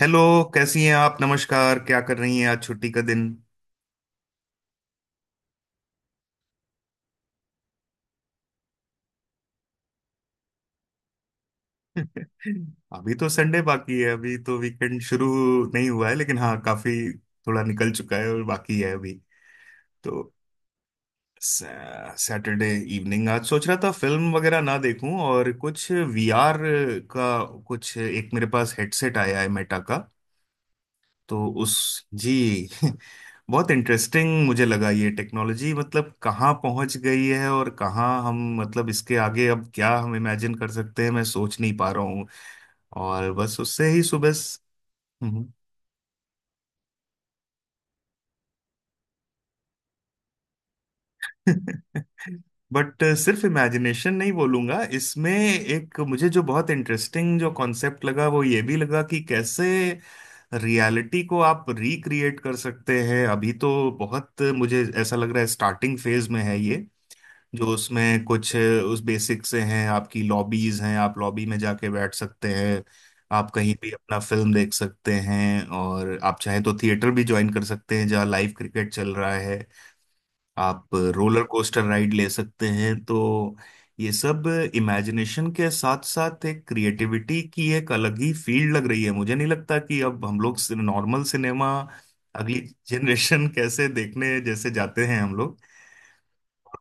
Hello. कैसी हैं आप? नमस्कार। क्या कर रही हैं, आज छुट्टी का दिन? अभी तो संडे बाकी है, अभी तो वीकेंड शुरू नहीं हुआ है, लेकिन हाँ काफी थोड़ा निकल चुका है और बाकी है अभी। तो सैटरडे इवनिंग आज सोच रहा था फिल्म वगैरह ना देखूं और कुछ वीआर का कुछ। एक मेरे पास हेडसेट आया है मेटा का, तो उस जी। बहुत इंटरेस्टिंग मुझे लगा ये टेक्नोलॉजी, मतलब कहाँ पहुंच गई है, और कहाँ हम, मतलब इसके आगे अब क्या हम इमेजिन कर सकते हैं, मैं सोच नहीं पा रहा हूँ। और बस उससे ही सुबह। बट सिर्फ इमेजिनेशन नहीं बोलूंगा, इसमें एक मुझे जो बहुत इंटरेस्टिंग जो कॉन्सेप्ट लगा, वो ये भी लगा कि कैसे रियलिटी को आप रिक्रिएट कर सकते हैं। अभी तो बहुत मुझे ऐसा लग रहा है स्टार्टिंग फेज में है ये, जो उसमें कुछ उस बेसिक से हैं, आपकी लॉबीज हैं, आप लॉबी में जाके बैठ सकते हैं, आप कहीं भी अपना फिल्म देख सकते हैं और आप चाहें तो थिएटर भी ज्वाइन कर सकते हैं जहाँ लाइव क्रिकेट चल रहा है, आप रोलर कोस्टर राइड ले सकते हैं। तो ये सब इमेजिनेशन के साथ साथ एक क्रिएटिविटी की एक अलग ही फील्ड लग रही है। मुझे नहीं लगता कि अब हम लोग नॉर्मल सिनेमा अगली जनरेशन कैसे देखने, जैसे जाते हैं हम।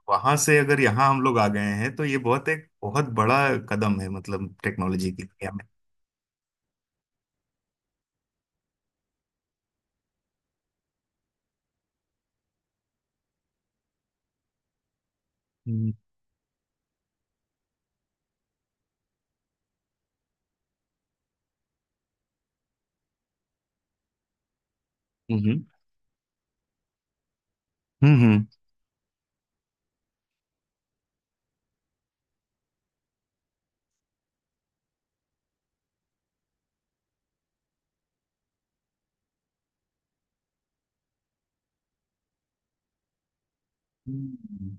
वहां से अगर यहाँ हम लोग आ गए हैं तो ये बहुत एक बहुत बड़ा कदम है, मतलब टेक्नोलॉजी की दुनिया में। हम्म। हम्म। हम्म, हम्म। हम्म।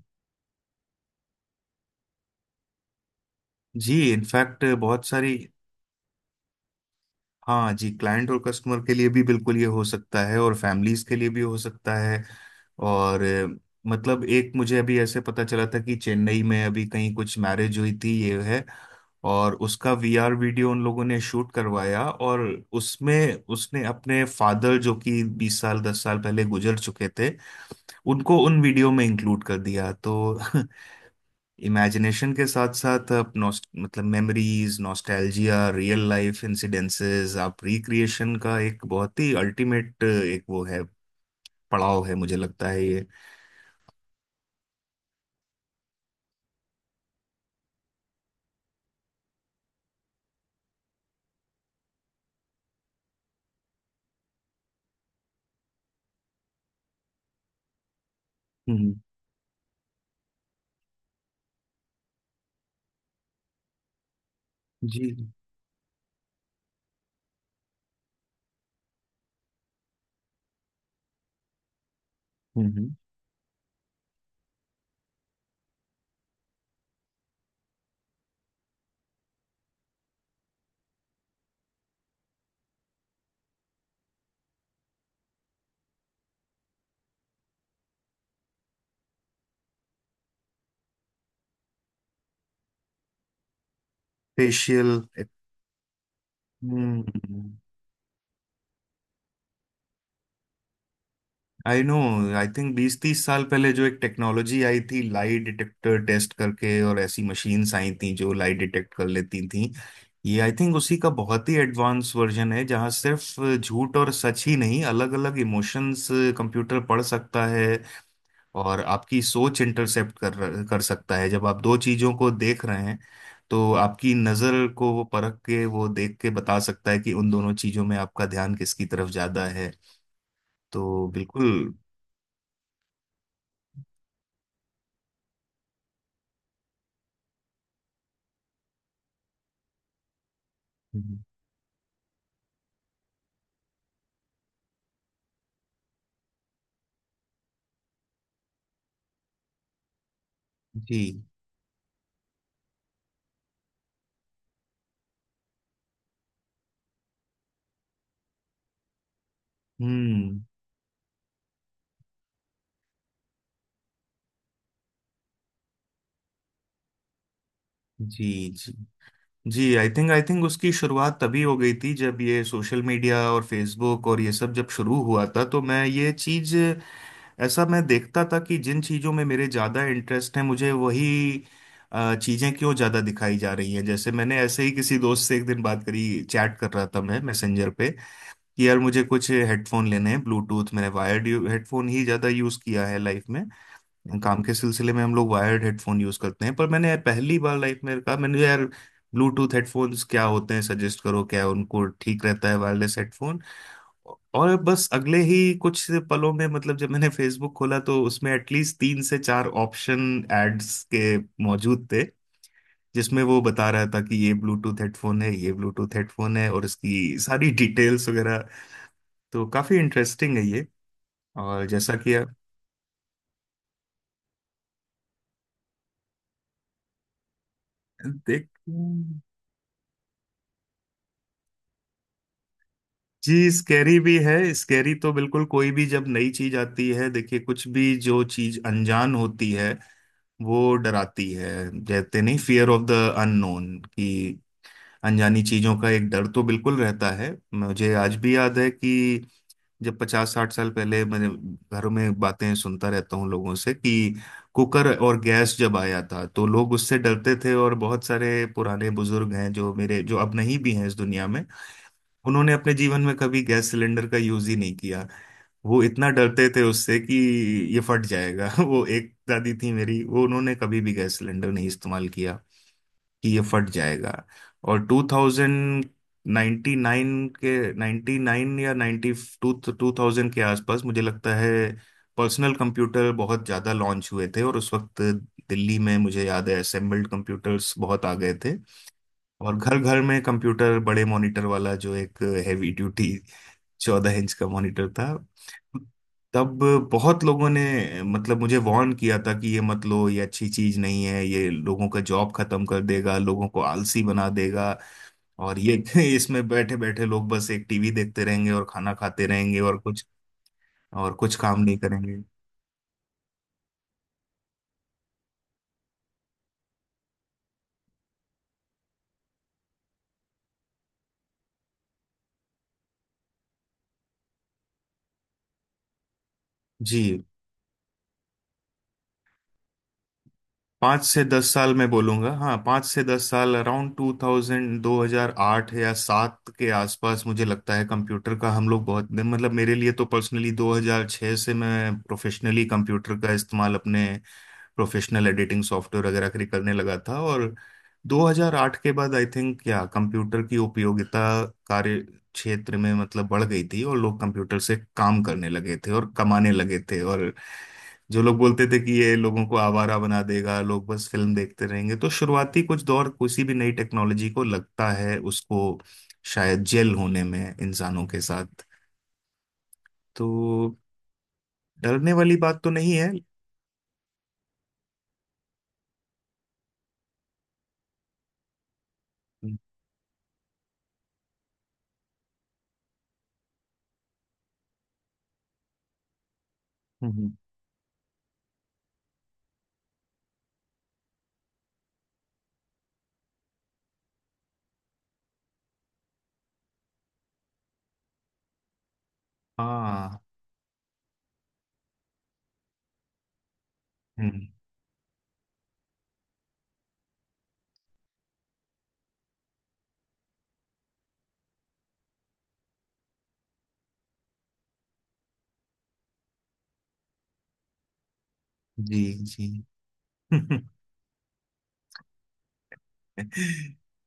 जी, इनफैक्ट बहुत सारी। हाँ जी, क्लाइंट और कस्टमर के लिए भी बिल्कुल ये हो सकता है और फैमिलीज के लिए भी हो सकता है। और मतलब एक मुझे अभी ऐसे पता चला था कि चेन्नई में अभी कहीं कुछ मैरिज हुई थी ये है, और उसका वीआर वीडियो उन लोगों ने शूट करवाया और उसमें उसने अपने फादर, जो कि 20 साल 10 साल पहले गुजर चुके थे, उनको उन वीडियो में इंक्लूड कर दिया तो। इमेजिनेशन के साथ साथ आप नॉस्ट मतलब memories, nostalgia, real life incidences, आप रिक्रिएशन का एक बहुत ही अल्टीमेट एक वो है, पड़ाव है मुझे लगता है ये। हम्म। जी। Hmm. Facial. Hmm. I know. I think 20 30 साल पहले जो एक टेक्नोलॉजी आई थी, लाई डिटेक्टर टेस्ट करके, और ऐसी मशीन्स आई थी जो लाई डिटेक्ट कर लेती थी, ये आई थिंक उसी का बहुत ही एडवांस वर्जन है, जहाँ सिर्फ झूठ और सच ही नहीं, अलग अलग इमोशंस कंप्यूटर पढ़ सकता है। और आपकी सोच इंटरसेप्ट कर कर सकता है, जब आप दो चीजों को देख रहे हैं, तो आपकी नजर को वो परख के, वो देख के बता सकता है कि उन दोनों चीजों में आपका ध्यान किसकी तरफ ज्यादा है। तो बिल्कुल। जी। हम्म। जी। जी। जी, आई थिंक उसकी शुरुआत तभी हो गई थी जब ये सोशल मीडिया और फेसबुक और ये सब जब शुरू हुआ था, तो मैं ये चीज, ऐसा मैं देखता था, कि जिन चीजों में मेरे ज्यादा इंटरेस्ट है मुझे वही चीजें क्यों ज्यादा दिखाई जा रही हैं। जैसे मैंने ऐसे ही किसी दोस्त से एक दिन बात करी, चैट कर रहा था मैं मैसेंजर पे कि यार मुझे कुछ हेडफोन लेने हैं ब्लूटूथ। मैंने वायर्ड हेडफोन ही ज्यादा यूज किया है लाइफ में, काम के सिलसिले में हम लोग वायर्ड हेडफोन यूज करते हैं। पर मैंने पहली बार लाइफ में कहा मैंने, यार ब्लूटूथ हेडफोन्स क्या होते हैं, सजेस्ट करो क्या, उनको ठीक रहता है, वायरलेस हेडफोन। और बस अगले ही कुछ पलों में, मतलब जब मैंने फेसबुक खोला, तो उसमें एटलीस्ट तीन से चार ऑप्शन एड्स के मौजूद थे, जिसमें वो बता रहा था कि ये ब्लूटूथ हेडफोन है, ये ब्लूटूथ हेडफोन है और इसकी सारी डिटेल्स वगैरह। तो काफी इंटरेस्टिंग है ये। और जैसा कि आप देख। जी, स्कैरी भी है, स्कैरी तो बिल्कुल। कोई भी जब नई चीज आती है देखिए, कुछ भी जो चीज अनजान होती है वो डराती है। कहते नहीं, फियर ऑफ द अननोन, कि अनजानी चीजों का एक डर तो बिल्कुल रहता है। मुझे आज भी याद है कि जब 50 60 साल पहले मैंने, घरों में बातें सुनता रहता हूँ लोगों से, कि कुकर और गैस जब आया था तो लोग उससे डरते थे, और बहुत सारे पुराने बुजुर्ग हैं जो मेरे, जो अब नहीं भी हैं इस दुनिया में, उन्होंने अपने जीवन में कभी गैस सिलेंडर का यूज ही नहीं किया। वो इतना डरते थे उससे कि ये फट जाएगा। वो एक दादी थी मेरी, वो उन्होंने कभी भी गैस सिलेंडर नहीं इस्तेमाल किया कि ये फट जाएगा। और 2099 के 99 या 90 टू 2000 के आसपास मुझे लगता है पर्सनल कंप्यूटर बहुत ज़्यादा लॉन्च हुए थे, और उस वक्त दिल्ली में मुझे याद है असेंबल्ड कंप्यूटर्स बहुत आ गए थे, और घर घर में कंप्यूटर, बड़े मॉनिटर वाला जो एक हैवी ड्यूटी 14 इंच का मॉनिटर था तब, बहुत लोगों ने, मतलब मुझे वार्न किया था कि ये मत लो, ये अच्छी चीज नहीं है, ये लोगों का जॉब खत्म कर देगा, लोगों को आलसी बना देगा। और ये इसमें बैठे बैठे लोग बस एक टीवी देखते रहेंगे और खाना खाते रहेंगे और कुछ काम नहीं करेंगे। जी। 5 से 10 साल में बोलूंगा, हाँ 5 से 10 साल, अराउंड टू थाउजेंड, 2008 या सात के आसपास मुझे लगता है कंप्यूटर का हम लोग बहुत, मतलब मेरे लिए तो पर्सनली 2006 से मैं प्रोफेशनली कंप्यूटर का इस्तेमाल अपने प्रोफेशनल एडिटिंग सॉफ्टवेयर वगैरह के लिए करने लगा था। और 2008 के बाद आई थिंक, क्या कंप्यूटर की उपयोगिता कार्य क्षेत्र में मतलब बढ़ गई थी, और लोग कंप्यूटर से काम करने लगे थे और कमाने लगे थे। और जो लोग बोलते थे कि ये लोगों को आवारा बना देगा, लोग बस फिल्म देखते रहेंगे, तो शुरुआती कुछ दौर किसी भी नई टेक्नोलॉजी को लगता है उसको, शायद जेल होने में, इंसानों के साथ। तो डरने वाली बात तो नहीं है। हम्म। हम्म। हाँ। हम्म। जी। जी।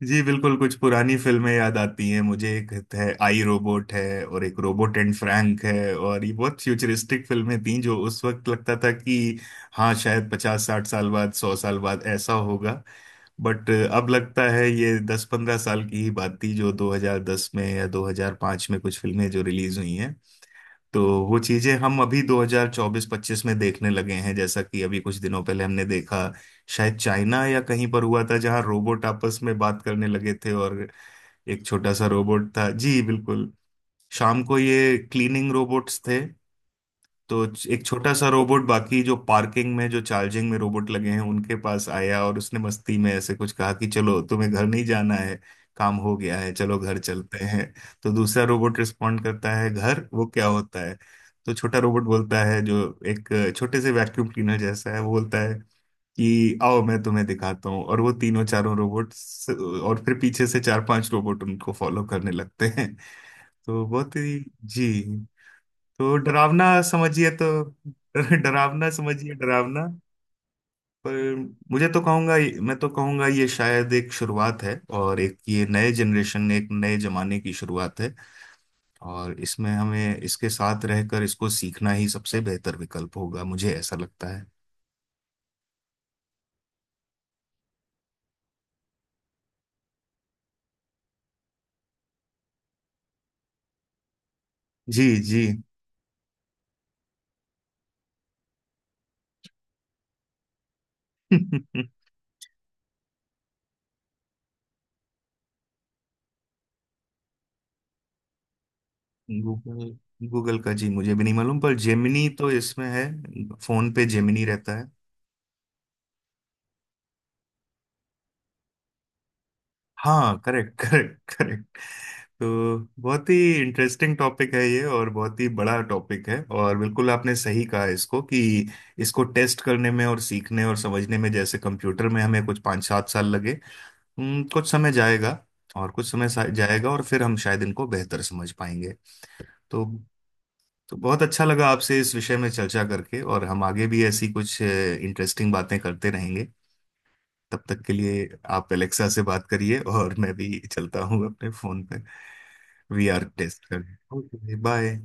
जी, बिल्कुल। कुछ पुरानी फिल्में याद आती हैं मुझे, एक है आई रोबोट है और एक रोबोट एंड फ्रैंक है, और ये बहुत फ्यूचरिस्टिक फिल्में थीं जो उस वक्त लगता था कि हाँ शायद 50 60 साल बाद 100 साल बाद ऐसा होगा। बट अब लगता है ये 10 15 साल की ही बात थी, जो 2010 में या 2005 में कुछ फिल्में जो रिलीज हुई हैं, तो वो चीजें हम अभी 2024-25 में देखने लगे हैं। जैसा कि अभी कुछ दिनों पहले हमने देखा, शायद चाइना या कहीं पर हुआ था, जहां रोबोट आपस में बात करने लगे थे, और एक छोटा सा रोबोट था। जी, बिल्कुल। शाम को ये क्लीनिंग रोबोट्स थे। तो एक छोटा सा रोबोट, बाकी जो पार्किंग में, जो चार्जिंग में रोबोट लगे हैं, उनके पास आया और उसने मस्ती में ऐसे कुछ कहा कि चलो तुम्हें घर नहीं जाना है, काम हो गया है, चलो घर चलते हैं। तो दूसरा रोबोट रिस्पॉन्ड करता है, घर, वो क्या होता है? तो छोटा रोबोट बोलता है, जो एक छोटे से वैक्यूम क्लीनर जैसा है, वो बोलता है कि आओ मैं तुम्हें दिखाता हूँ, और वो तीनों चारों रोबोट, और फिर पीछे से चार पांच रोबोट उनको फॉलो करने लगते हैं। तो बहुत ही। जी। तो डरावना समझिए तो। डरावना समझिए, डरावना। पर मुझे तो कहूंगा मैं तो कहूंगा ये शायद एक शुरुआत है, और एक ये नए जनरेशन, एक नए जमाने की शुरुआत है। और इसमें हमें इसके साथ रहकर इसको सीखना ही सबसे बेहतर विकल्प होगा, मुझे ऐसा लगता है। जी। जी। गूगल। गूगल का जी मुझे भी नहीं मालूम, पर जेमिनी तो इसमें है, फोन पे जेमिनी रहता है। हाँ, करेक्ट करेक्ट करेक्ट। तो बहुत ही इंटरेस्टिंग टॉपिक है ये, और बहुत ही बड़ा टॉपिक है, और बिल्कुल आपने सही कहा इसको, कि इसको टेस्ट करने में, और सीखने और समझने में, जैसे कंप्यूटर में हमें कुछ 5 7 साल लगे। कुछ समय जाएगा, और कुछ समय जाएगा, और फिर हम शायद इनको बेहतर समझ पाएंगे। तो तो बहुत अच्छा लगा आपसे इस विषय में चर्चा करके, और हम आगे भी ऐसी कुछ इंटरेस्टिंग बातें करते रहेंगे। तब तक के लिए आप एलेक्सा से बात करिए, और मैं भी चलता हूँ अपने फोन पे वीआर टेस्ट करने। Okay bye.